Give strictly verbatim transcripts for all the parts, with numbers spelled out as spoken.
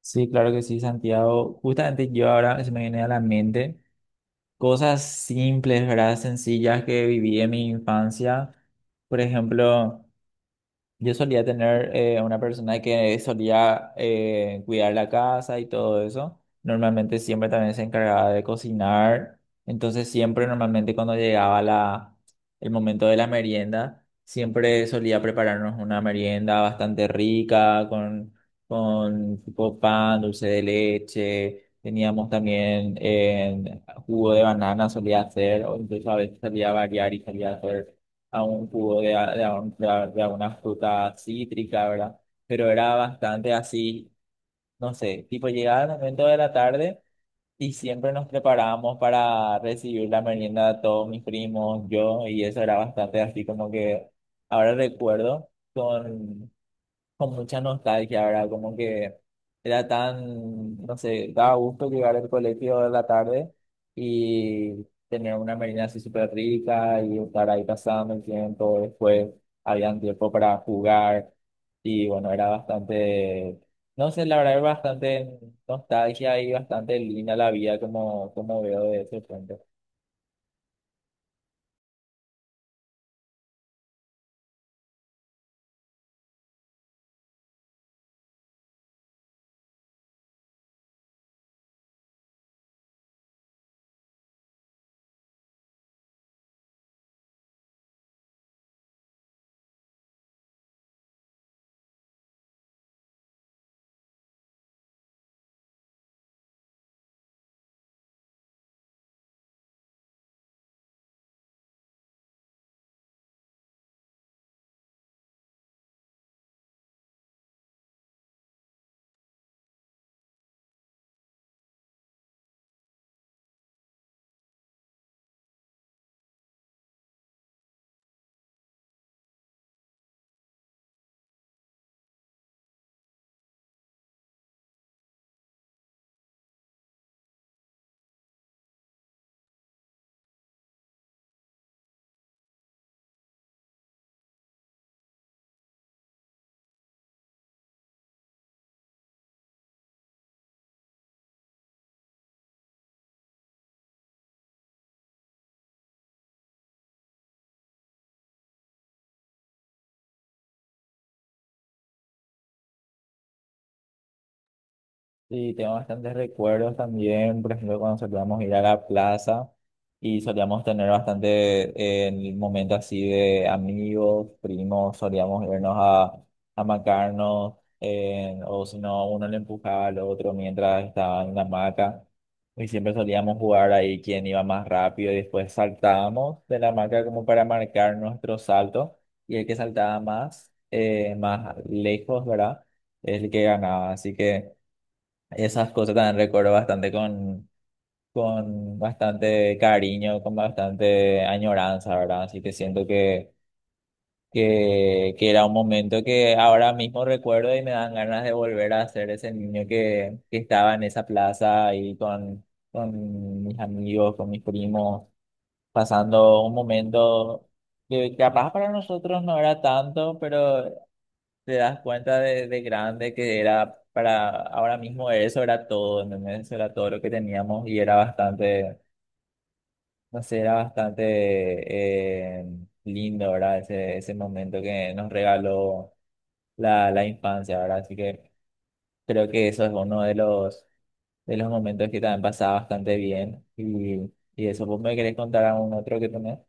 Sí, claro que sí, Santiago. Justamente yo ahora se me viene a la mente cosas simples, ¿verdad? Sencillas que viví en mi infancia. Por ejemplo, yo solía tener eh, una persona que solía eh, cuidar la casa y todo eso. Normalmente siempre también se encargaba de cocinar. Entonces siempre normalmente cuando llegaba la, el momento de la merienda, siempre solía prepararnos una merienda bastante rica con, con tipo pan, dulce de leche. Teníamos también eh, jugo de banana solía hacer, o incluso a veces solía variar y solía hacer a un jugo de, a- de, a un- de a- de alguna fruta cítrica, ¿verdad? Pero era bastante así, no sé, tipo llegaba el momento de la tarde y siempre nos preparábamos para recibir la merienda de todos mis primos, yo, y eso era bastante así como que ahora recuerdo. con con mucha nostalgia, ¿verdad? Como que era tan, no sé, daba gusto llegar al colegio de la tarde y tener una merienda así súper rica y estar ahí pasando el tiempo. Después habían tiempo para jugar y bueno, era bastante, no sé, la verdad, era bastante nostalgia y bastante linda la vida como, como veo de ese frente. Sí, tengo bastantes recuerdos también, por ejemplo, cuando solíamos ir a la plaza y solíamos tener bastante, el momento así de amigos, primos, solíamos irnos a, a macarnos, eh, o si no, uno le empujaba al otro mientras estaba en la hamaca y siempre solíamos jugar ahí quién iba más rápido y después saltábamos de la hamaca como para marcar nuestro salto y el que saltaba más, eh, más lejos, ¿verdad? Es el que ganaba, así que... Esas cosas también recuerdo bastante con, con bastante cariño, con bastante añoranza, ¿verdad? Así que siento que, que, que era un momento que ahora mismo recuerdo y me dan ganas de volver a ser ese niño que, que estaba en esa plaza ahí con, con mis amigos, con mis primos, pasando un momento que capaz para nosotros no era tanto, pero te das cuenta de, de grande que era para ahora mismo eso era todo, ¿entendés? Eso era todo lo que teníamos y era bastante, no sé, era bastante eh, lindo, ¿verdad? Ese, ese momento que nos regaló la, la infancia, ¿verdad? Así que creo que eso es uno de los, de los momentos que también pasaba bastante bien y, y eso, ¿vos me querés contar algún otro que tenés?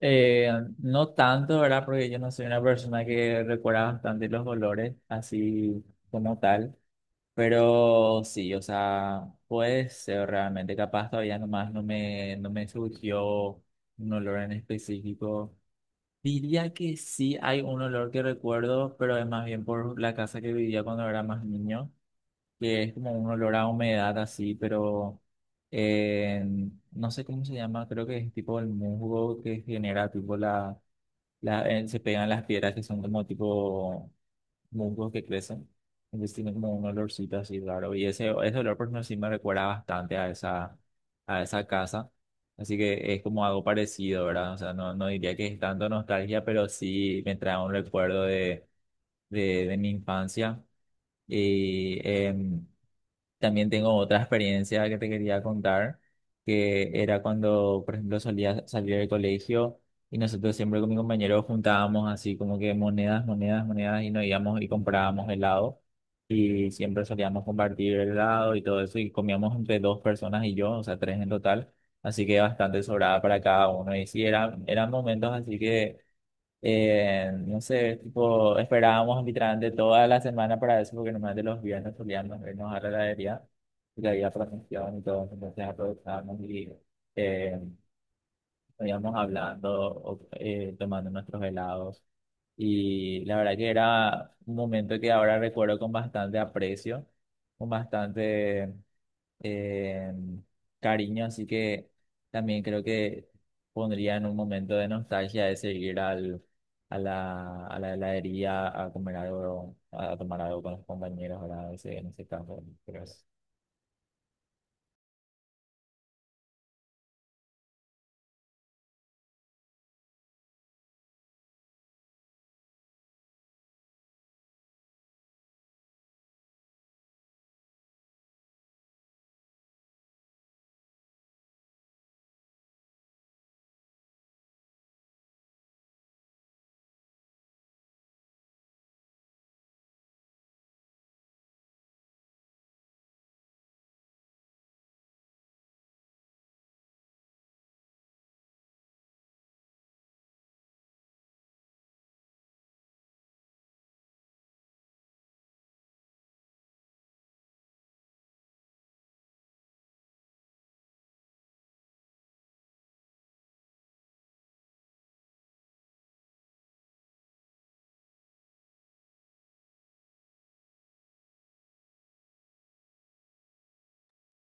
Eh, no tanto, ¿verdad? Porque yo no soy una persona que recuerda bastante los olores, así como tal. Pero sí, o sea, puede ser realmente capaz todavía nomás no me, no me surgió un olor en específico. Diría que sí hay un olor que recuerdo, pero es más bien por la casa que vivía cuando era más niño, que es como un olor a humedad así, pero eh, no sé cómo se llama, creo que es tipo el musgo que genera tipo la, la eh, se pegan las piedras que son como tipo musgos que crecen. Entonces tiene como un olorcito así raro. Y ese, ese olor por sí me recuerda bastante a esa, a esa casa. Así que es como algo parecido, ¿verdad? O sea, no, no diría que es tanto nostalgia, pero sí me trae un recuerdo de, de, de mi infancia. Y em, también tengo otra experiencia que te quería contar, que era cuando, por ejemplo, solía salir del colegio y nosotros siempre con mi compañero juntábamos así como que monedas, monedas, monedas y nos íbamos y comprábamos helado y siempre solíamos compartir el helado y todo eso y comíamos entre dos personas y yo, o sea, tres en total, así que bastante sobrada para cada uno y sí, era, eran momentos así que eh, no sé, tipo, esperábamos literalmente toda la semana para eso, porque normalmente los viernes solíamos irnos a la heladería, porque había promoción y todo, entonces aprovechábamos y eh, íbamos hablando, o, eh, tomando nuestros helados. Y la verdad que era un momento que ahora recuerdo con bastante aprecio, con bastante eh, cariño, así que también creo que pondría en un momento de nostalgia ese ir al, a la, a la heladería a comer algo, a tomar algo con los compañeros, ¿verdad? Ese, en ese caso, creo. Que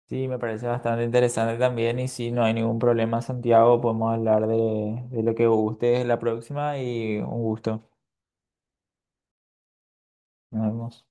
sí, me parece bastante interesante también y si no hay ningún problema, Santiago, podemos hablar de, de lo que guste la próxima y un gusto. Nos vemos.